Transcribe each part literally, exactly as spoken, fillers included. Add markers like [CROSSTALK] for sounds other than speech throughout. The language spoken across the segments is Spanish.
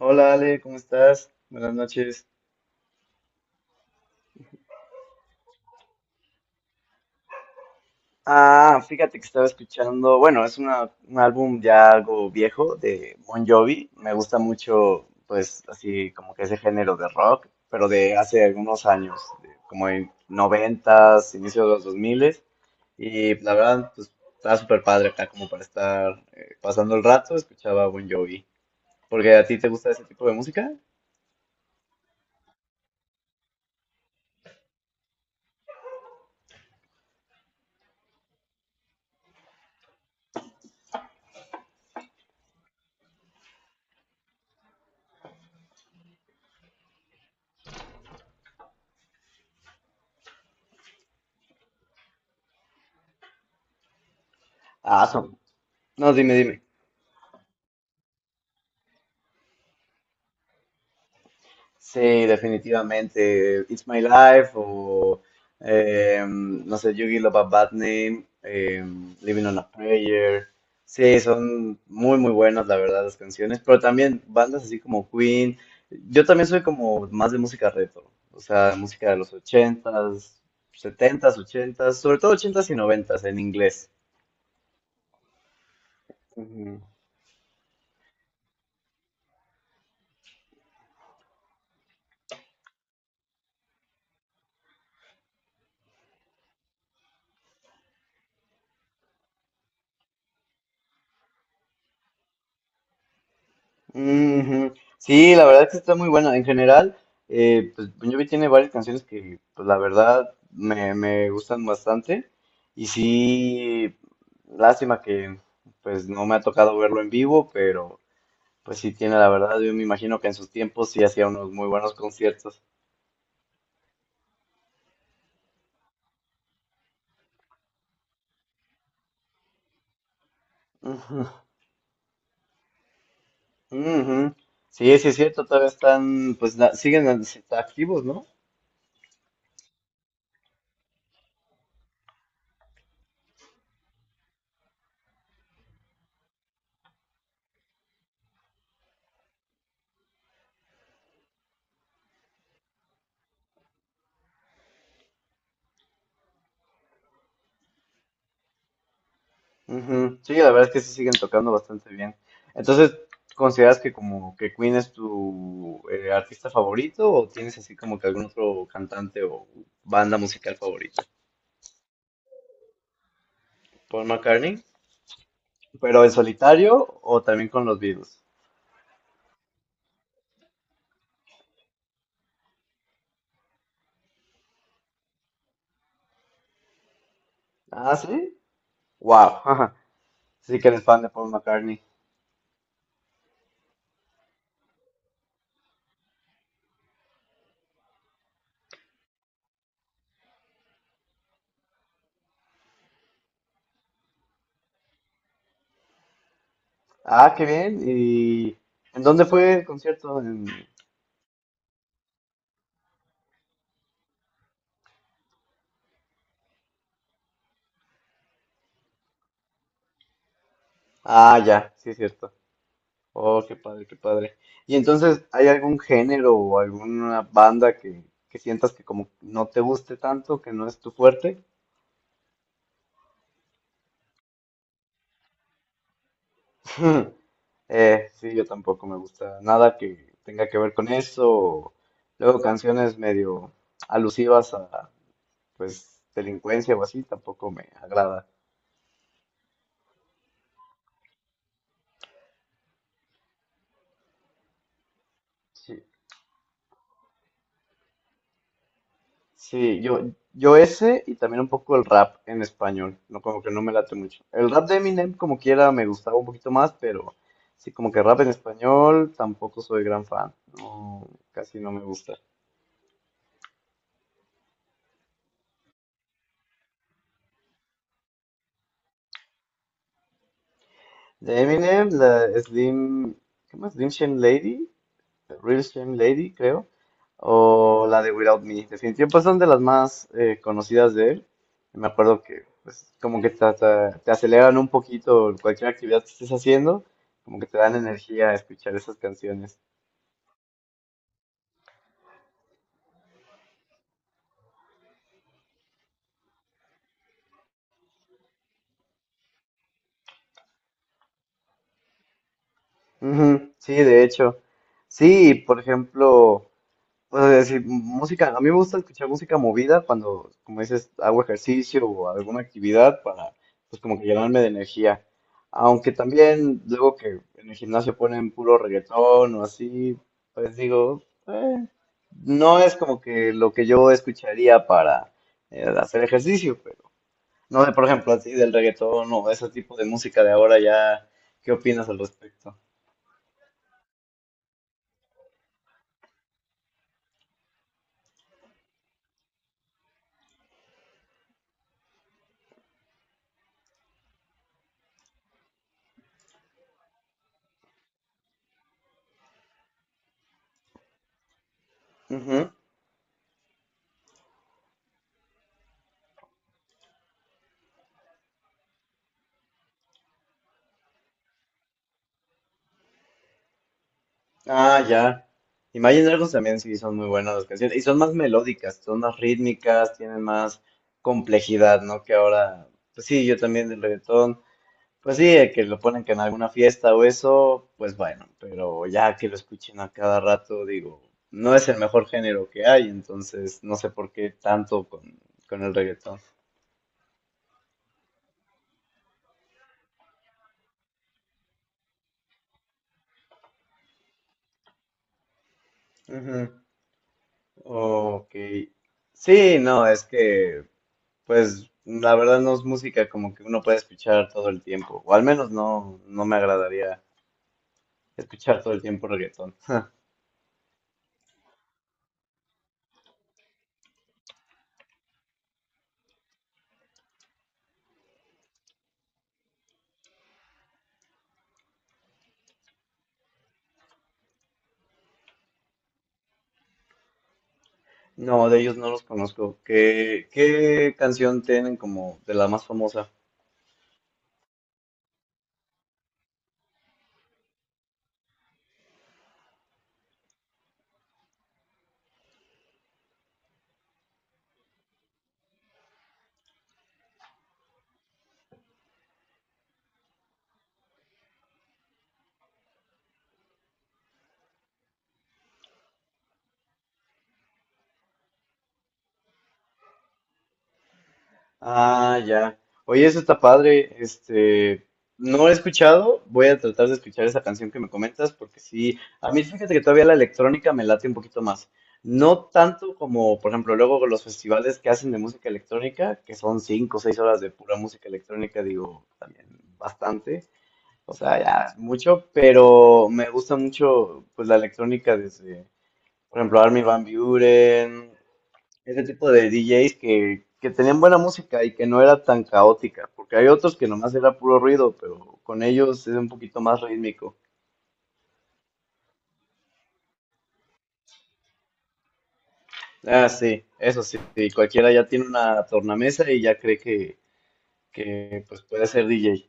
Hola Ale, ¿cómo estás? Buenas noches. Ah, fíjate que estaba escuchando, bueno, es una- un álbum ya algo viejo de Bon Jovi, me gusta mucho, pues, así como que ese género de rock, pero de hace algunos años, de como en noventas, inicio de los dos miles, y la verdad, pues, estaba súper padre acá como para estar eh, pasando el rato, escuchaba Bon Jovi, porque a ti te gusta ese tipo de música. Ah, son. No, dime, dime. Sí, definitivamente. It's My Life o, eh, no sé, Yugi Love a Bad Name, eh, Living on a Prayer. Sí, son muy, muy buenas, la verdad, las canciones. Pero también bandas así como Queen. Yo también soy como más de música retro. O sea, música de los ochentas, setentas, ochentas, sobre todo ochentas y noventas en inglés. Ujú. Sí, la verdad es que está muy buena. En general, eh, pues Bon Jovi tiene varias canciones que, pues la verdad, me, me gustan bastante. Y sí, lástima que, pues no me ha tocado verlo en vivo, pero pues sí tiene, la verdad, yo me imagino que en sus tiempos sí hacía unos muy buenos conciertos. Ujú, ujú. Sí, sí es cierto, todavía están, pues na- siguen an- activos, ¿no? Ujú. Sí, la verdad es que sí siguen tocando bastante bien. Entonces, ¿consideras que como que Queen es tu eh, artista favorito o tienes así como que algún otro cantante o banda musical favorita? Paul McCartney, ¿pero en solitario o también con los Beatles? Ah, sí. Wow. [LAUGHS] Sí que eres fan de Paul McCartney. Ah, ¿qué bien y en dónde fue el concierto? En- Ah, ya, sí es cierto. Oh, qué padre, qué padre. Y entonces, ¿hay algún género o alguna banda que, que sientas que como no te guste tanto, que no es tu fuerte? [LAUGHS] Eh, sí, yo tampoco me gusta nada que tenga que ver con eso. Luego canciones medio alusivas a, pues, delincuencia o así, tampoco me agrada. Sí, yo, yo ese y también un poco el rap en español, no, como que no me late mucho. El rap de Eminem como quiera me gustaba un poquito más, pero sí como que rap en español tampoco soy gran fan, no, casi no me gusta. De Eminem, la Slim, ¿qué más? Slim Shady Lady, Real Shame Lady, creo, o la de Without Me. Definitivamente pues, son de las más eh, conocidas de él. Me acuerdo que pues, como que te, te- te aceleran un poquito cualquier actividad que estés haciendo, como que te dan energía a escuchar esas canciones. Ujú, sí, de hecho. Sí, por ejemplo, pues decir, música, a mí me gusta escuchar música movida cuando, como dices, hago ejercicio o alguna actividad para, pues como que llenarme de energía. Aunque también luego que en el gimnasio ponen puro reggaetón o así, pues digo, "Eh, no es como que lo que yo escucharía para eh, hacer ejercicio, pero no sé, por ejemplo, así del reggaetón o ese tipo de música de ahora ya, ¿qué opinas al respecto?" Ah, ya. Imagine Dragons también sí son muy buenas las canciones. Y son más melódicas, son más rítmicas, tienen más complejidad, ¿no? Que ahora, pues sí, yo también del reggaetón. Pues sí, eh, que lo ponen que en alguna fiesta o eso, pues bueno, pero ya que lo escuchen a cada rato, digo, no es el mejor género que hay, entonces no sé por qué tanto con, con el reggaetón. Ujú. Ok. Sí, no, es que pues la verdad no es música como que uno puede escuchar todo el tiempo, o al menos no, no me agradaría escuchar todo el tiempo reggaetón. No, de ellos no los conozco. ¿Qué, qué canción tienen como de la más famosa? Ah, ya. Oye, eso está padre. Este, no he escuchado. Voy a tratar de escuchar esa canción que me comentas, porque sí, a mí fíjate que todavía la electrónica me late un poquito más. No tanto como, por ejemplo, luego los festivales que hacen de música electrónica, que son cinco o seis horas de pura música electrónica, digo, también bastante. O sea, ya es mucho, pero me gusta mucho, pues, la electrónica desde, por ejemplo, Armin van Buuren, ese tipo de D Js que, que tenían buena música y que no era tan caótica, porque hay otros que nomás era puro ruido, pero con ellos es un poquito más rítmico. Ah, sí, eso sí, sí, cualquiera ya tiene una tornamesa y ya cree que, que pues puede ser D J.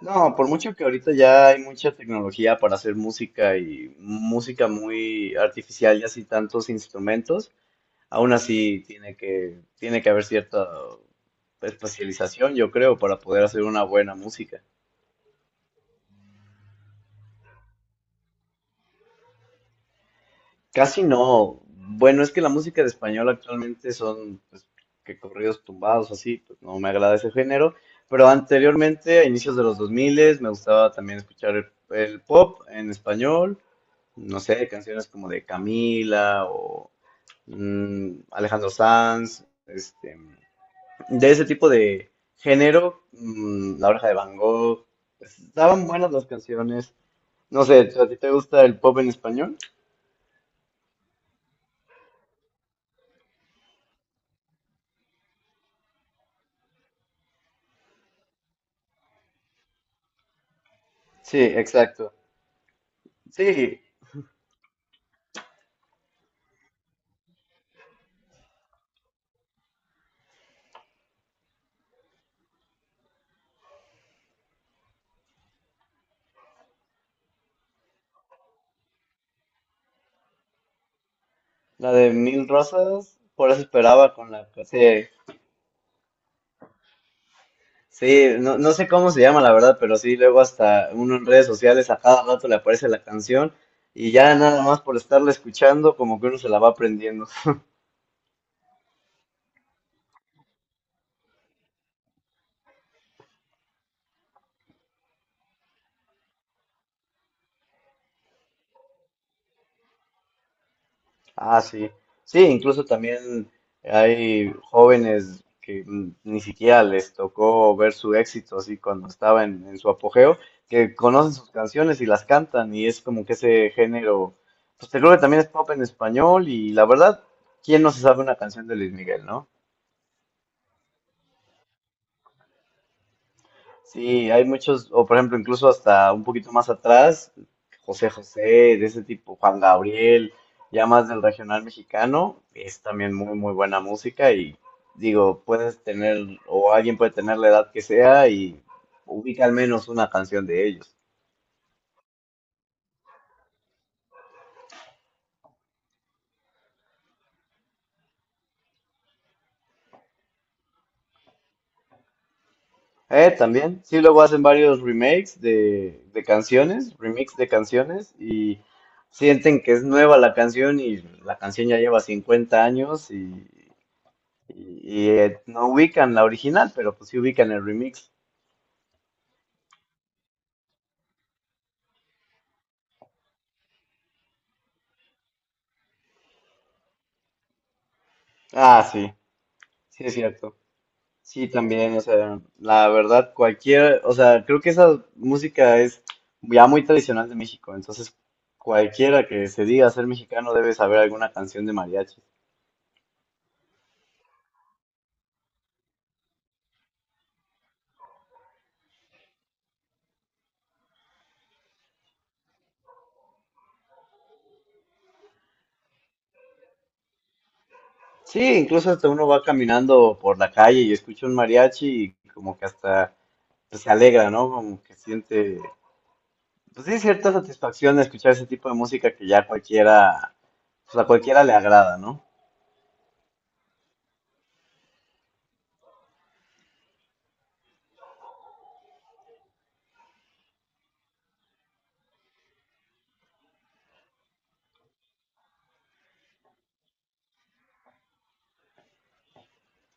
No, por mucho que ahorita ya hay mucha tecnología para hacer música y música muy artificial y así tantos instrumentos, aún así tiene que, tiene que haber cierta especialización, yo creo, para poder hacer una buena música. Casi no. Bueno, es que la música de español actualmente son pues, que corridos tumbados, así, pues no me agrada ese género. Pero anteriormente, a inicios de los dos mil, me gustaba también escuchar el, el pop en español. No sé, canciones como de Camila o mm, Alejandro Sanz, este, de ese tipo de género, mm, La Oreja de Van Gogh. Pues, estaban buenas las canciones. No sé, ¿a ti te gusta el pop en español? Sí, exacto. Sí, la de Mil Rosas, por eso esperaba con la... Sí, sí, no, no sé cómo se llama la verdad, pero sí, luego hasta uno en redes sociales a cada rato le aparece la canción y ya nada más por estarla escuchando como que uno se la va aprendiendo. Ah, sí. Sí, incluso también hay jóvenes que mm, ni siquiera les tocó ver su éxito así cuando estaba en, en su apogeo, que conocen sus canciones y las cantan y es como que ese género, pues te creo que también es pop en español y la verdad, ¿quién no se sabe una canción de Luis Miguel, no? Sí, hay muchos, o por ejemplo, incluso hasta un poquito más atrás, José José, de ese tipo, Juan Gabriel, ya más del regional mexicano, es también muy, muy buena música y digo, puedes tener, o alguien puede tener la edad que sea y ubica al menos una canción de ellos. Eh, también, sí, luego hacen varios remakes de, de canciones, remix de canciones y sienten que es nueva la canción y la canción ya lleva cincuenta años y Y, y, eh, no ubican la original, pero pues sí ubican el remix. Ah, sí, sí es cierto. Sí, también, o sea, la verdad, cualquier, o sea, creo que esa música es ya muy tradicional de México, entonces cualquiera que se diga ser mexicano debe saber alguna canción de mariachi. Sí, incluso hasta uno va caminando por la calle y escucha un mariachi y como que hasta pues, se alegra, ¿no? Como que siente, pues sí, cierta satisfacción de escuchar ese tipo de música que ya cualquiera, pues a cualquiera le agrada, ¿no?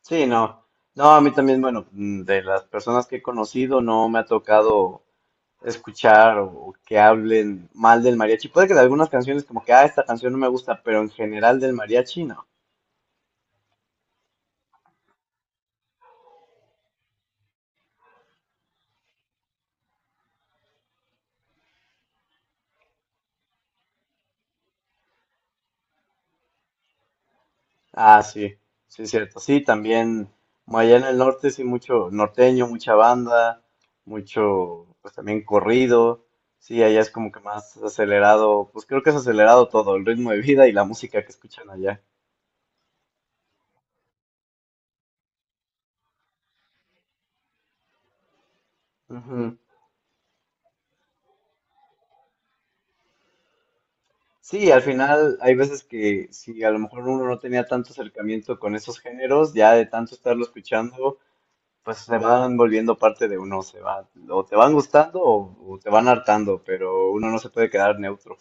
Sí, no. No, a mí también, bueno, mm, de las personas que he conocido no me ha tocado escuchar o, o, que hablen mal del mariachi. Puede que de algunas canciones como que, ah, esta canción no me gusta, pero en general del mariachi no. Ah, sí, sí, es cierto. Sí, también como allá en el norte, sí, mucho norteño, mucha banda, mucho, pues también corrido. Sí, allá es como que más acelerado, pues creo que es acelerado todo, el ritmo de vida y la música que escuchan allá. Ujú. Sí, al final hay veces que si a lo mejor uno no tenía tanto acercamiento con esos géneros, ya de tanto estarlo escuchando, pues se van volviendo parte de uno, se va, o te van gustando o, o, te van hartando, pero uno no se puede quedar neutro.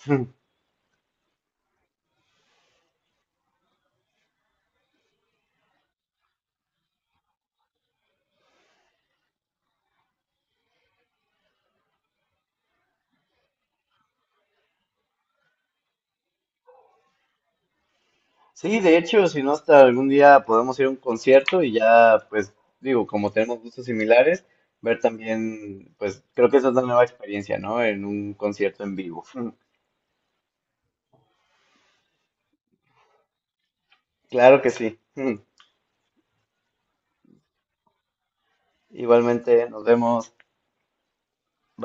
Sí, de hecho, si no, hasta algún día podemos ir a un concierto y ya, pues, digo, como tenemos gustos similares, ver también, pues, creo que esa es una nueva experiencia, ¿no? En un concierto en vivo. [LAUGHS] Claro que sí. [LAUGHS] Igualmente, nos vemos.